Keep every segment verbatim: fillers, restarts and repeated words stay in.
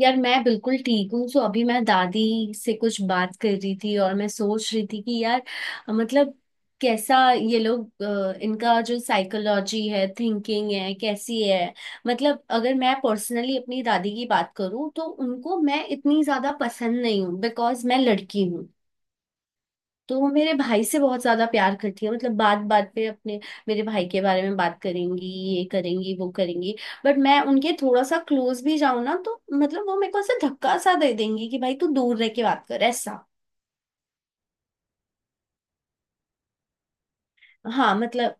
यार मैं बिल्कुल ठीक हूँ। सो अभी मैं दादी से कुछ बात कर रही थी और मैं सोच रही थी कि यार मतलब कैसा ये लोग, अ, इनका जो साइकोलॉजी है, थिंकिंग है, कैसी है। मतलब अगर मैं पर्सनली अपनी दादी की बात करूँ तो उनको मैं इतनी ज्यादा पसंद नहीं हूँ, बिकॉज मैं लड़की हूँ। तो वो मेरे भाई से बहुत ज्यादा प्यार करती है, मतलब बात बात पे अपने मेरे भाई के बारे में बात करेंगी, ये करेंगी वो करेंगी। बट मैं उनके थोड़ा सा क्लोज भी जाऊं ना, तो मतलब वो मेरे को ऐसे धक्का सा दे देंगी कि भाई तू दूर रह के बात कर, ऐसा। हाँ मतलब।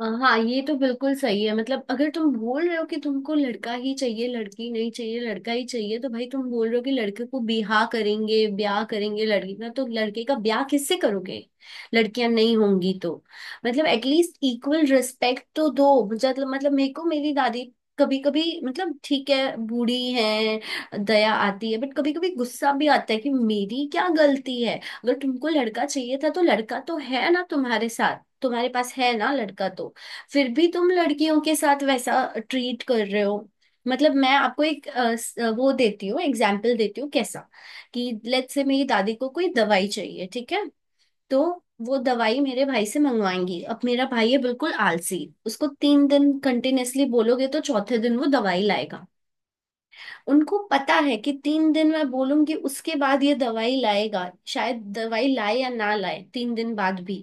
अ, हाँ, ये तो बिल्कुल सही है। मतलब अगर तुम बोल रहे हो कि तुमको लड़का ही चाहिए, लड़की नहीं चाहिए, लड़का ही चाहिए, तो भाई तुम बोल रहे हो कि लड़के को बिहा करेंगे ब्याह करेंगे, लड़की का तो लड़के का ब्याह किससे करोगे। लड़कियां नहीं होंगी तो। मतलब एटलीस्ट इक्वल रिस्पेक्ट तो दो। मतलब मतलब मेरे को मेरी दादी कभी कभी, मतलब ठीक है बूढ़ी है, दया आती है, बट कभी कभी गुस्सा भी आता है कि मेरी क्या गलती है। अगर तुमको लड़का चाहिए था तो लड़का तो है ना तुम्हारे साथ, तुम्हारे पास है ना लड़का तो। फिर भी तुम लड़कियों के साथ वैसा ट्रीट कर रहे हो। मतलब मैं आपको एक अ, स- अ, वो देती हूँ एग्जाम्पल देती हूँ कैसा, कि लेट्स से मेरी दादी को कोई दवाई चाहिए, ठीक है। तो वो दवाई मेरे भाई से मंगवाएंगी। अब मेरा भाई है बिल्कुल आलसी। उसको तीन दिन कंटिन्यूअसली बोलोगे तो चौथे दिन वो दवाई लाएगा। उनको पता है कि तीन दिन मैं बोलूंगी उसके बाद ये दवाई लाएगा, शायद दवाई लाए या ना लाए तीन दिन बाद भी।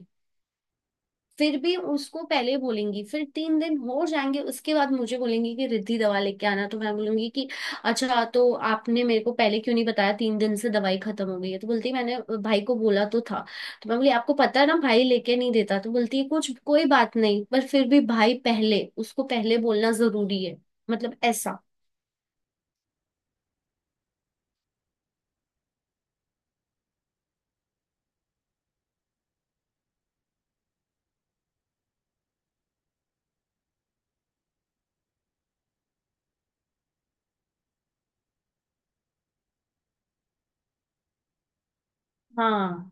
फिर भी उसको पहले बोलेंगी, फिर तीन दिन हो जाएंगे, उसके बाद मुझे बोलेंगी कि रिद्धि दवा लेके आना। तो मैं बोलूंगी कि अच्छा, तो आपने मेरे को पहले क्यों नहीं बताया, तीन दिन से दवाई खत्म हो गई है। तो बोलती है, मैंने भाई को बोला तो था। तो मैं बोली, आपको पता है ना भाई लेके नहीं देता। तो बोलती है, कुछ कोई बात नहीं, पर फिर भी भाई पहले, उसको पहले बोलना जरूरी है। मतलब ऐसा। हाँ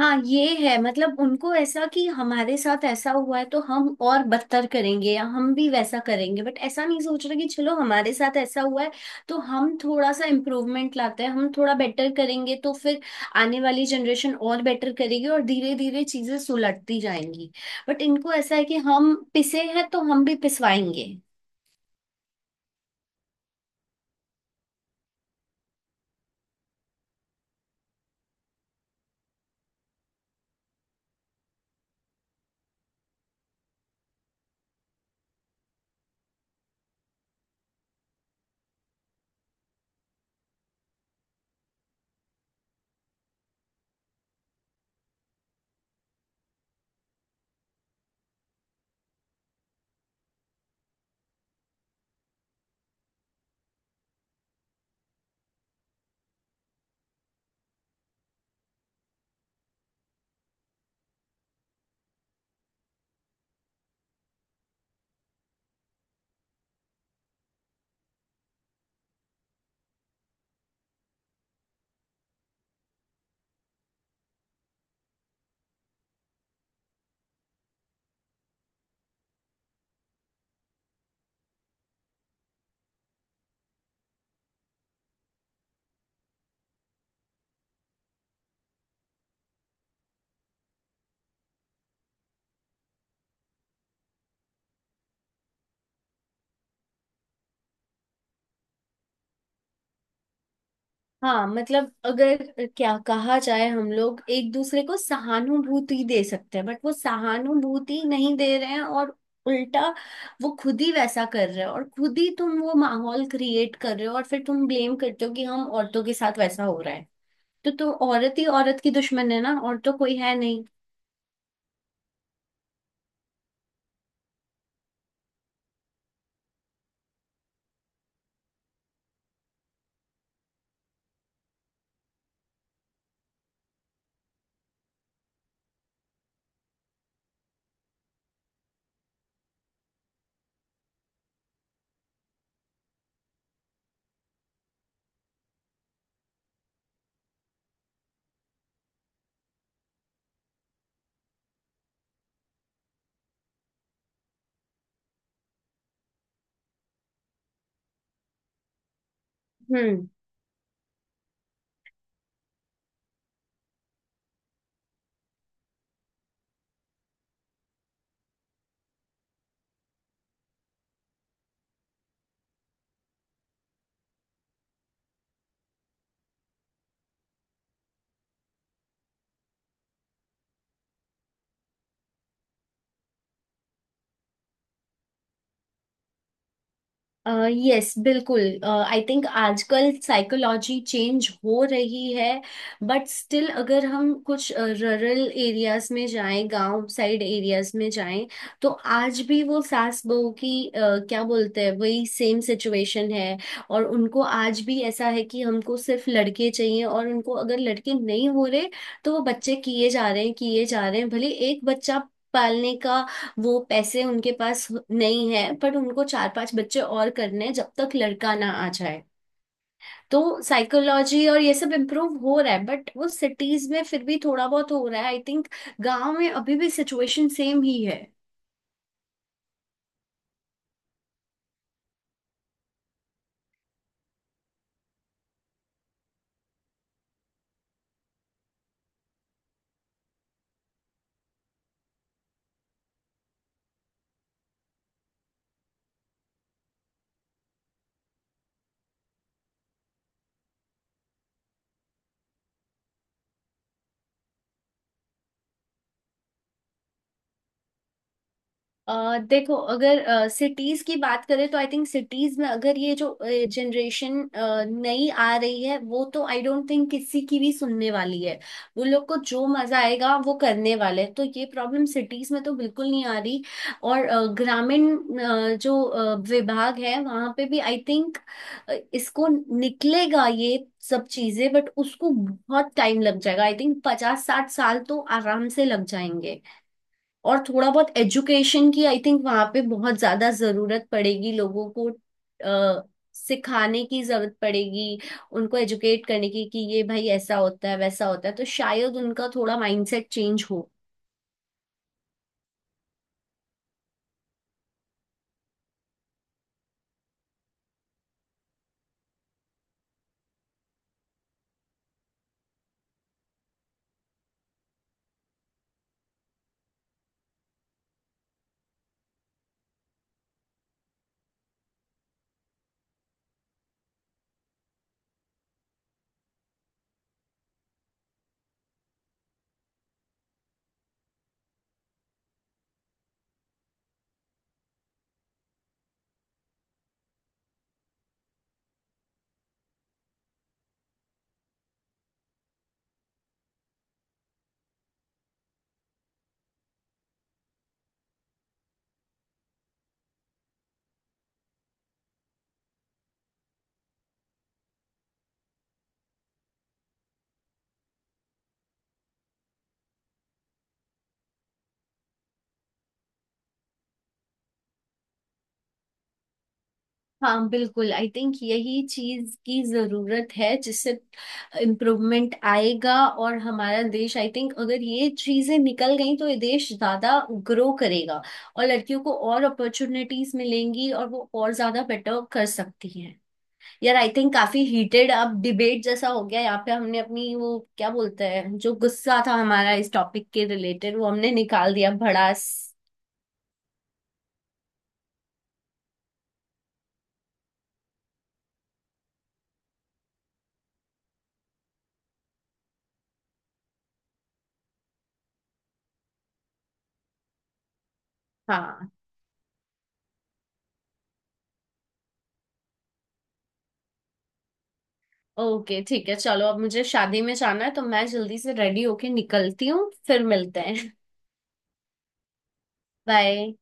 हाँ, ये है। मतलब उनको ऐसा कि हमारे साथ ऐसा हुआ है तो हम और बदतर करेंगे या हम भी वैसा करेंगे, बट ऐसा नहीं सोच रहे कि चलो हमारे साथ ऐसा हुआ है तो हम थोड़ा सा इम्प्रूवमेंट लाते हैं, हम थोड़ा बेटर करेंगे तो फिर आने वाली जनरेशन और बेटर करेगी और धीरे धीरे चीजें सुलटती जाएंगी। बट इनको ऐसा है कि हम पिसे हैं तो हम भी पिसवाएंगे। हाँ, मतलब अगर क्या कहा जाए, हम लोग एक दूसरे को सहानुभूति दे सकते हैं बट वो सहानुभूति नहीं दे रहे हैं, और उल्टा वो खुद ही वैसा कर रहे हो और खुद ही तुम वो माहौल क्रिएट कर रहे हो और फिर तुम ब्लेम करते हो कि हम औरतों के साथ वैसा हो रहा है। तो तो औरत ही औरत की दुश्मन है ना, और तो कोई है नहीं। यस बिल्कुल। आई थिंक आजकल साइकोलॉजी चेंज हो रही है बट स्टिल अगर हम कुछ रूरल एरियाज में जाएं, गांव साइड एरियाज में जाएं, तो आज भी वो सास बहू की, अ, क्या बोलते हैं, वही सेम सिचुएशन है। और उनको आज भी ऐसा है कि हमको सिर्फ लड़के चाहिए, और उनको अगर लड़के नहीं हो रहे तो वो बच्चे किए जा रहे हैं, किए जा रहे हैं, भले एक बच्चा पालने का वो पैसे उनके पास नहीं है, पर उनको चार पांच बच्चे और करने हैं जब तक लड़का ना आ जाए। तो साइकोलॉजी और ये सब इम्प्रूव हो रहा है बट वो सिटीज में फिर भी थोड़ा बहुत हो रहा है आई थिंक। गांव में अभी भी सिचुएशन सेम ही है। अ, देखो, अगर सिटीज की बात करें तो आई थिंक सिटीज में अगर ये जो जनरेशन नई आ रही है, वो तो आई डोंट थिंक किसी की भी सुनने वाली है। वो लोग को जो मजा आएगा वो करने वाले हैं, तो ये प्रॉब्लम सिटीज में तो बिल्कुल नहीं आ रही। और अ, ग्रामीण, अ, जो अ, विभाग है वहां पे भी आई थिंक इसको निकलेगा ये सब चीजें, बट उसको बहुत टाइम लग जाएगा, आई थिंक पचास साठ साल तो आराम से लग जाएंगे। और थोड़ा बहुत एजुकेशन की आई थिंक वहां पे बहुत ज्यादा जरूरत पड़ेगी लोगों को, अ, सिखाने की जरूरत पड़ेगी, उनको एजुकेट करने की कि ये भाई ऐसा होता है वैसा होता है, तो शायद उनका थोड़ा माइंडसेट चेंज हो। हाँ बिल्कुल। आई थिंक यही चीज की जरूरत है जिससे इम्प्रूवमेंट आएगा और हमारा देश आई थिंक अगर ये चीजें निकल गई तो ये देश ज्यादा ग्रो करेगा और लड़कियों को और अपॉर्चुनिटीज मिलेंगी और वो और ज्यादा बेटर कर सकती हैं। यार आई थिंक काफी हीटेड अब डिबेट जैसा हो गया यहाँ पे, हमने अपनी, वो क्या बोलते हैं, जो गुस्सा था हमारा इस टॉपिक के रिलेटेड वो हमने निकाल दिया भड़ास। हाँ ओके, ठीक है, चलो अब मुझे शादी में जाना है तो मैं जल्दी से रेडी होके निकलती हूँ, फिर मिलते हैं। बाय।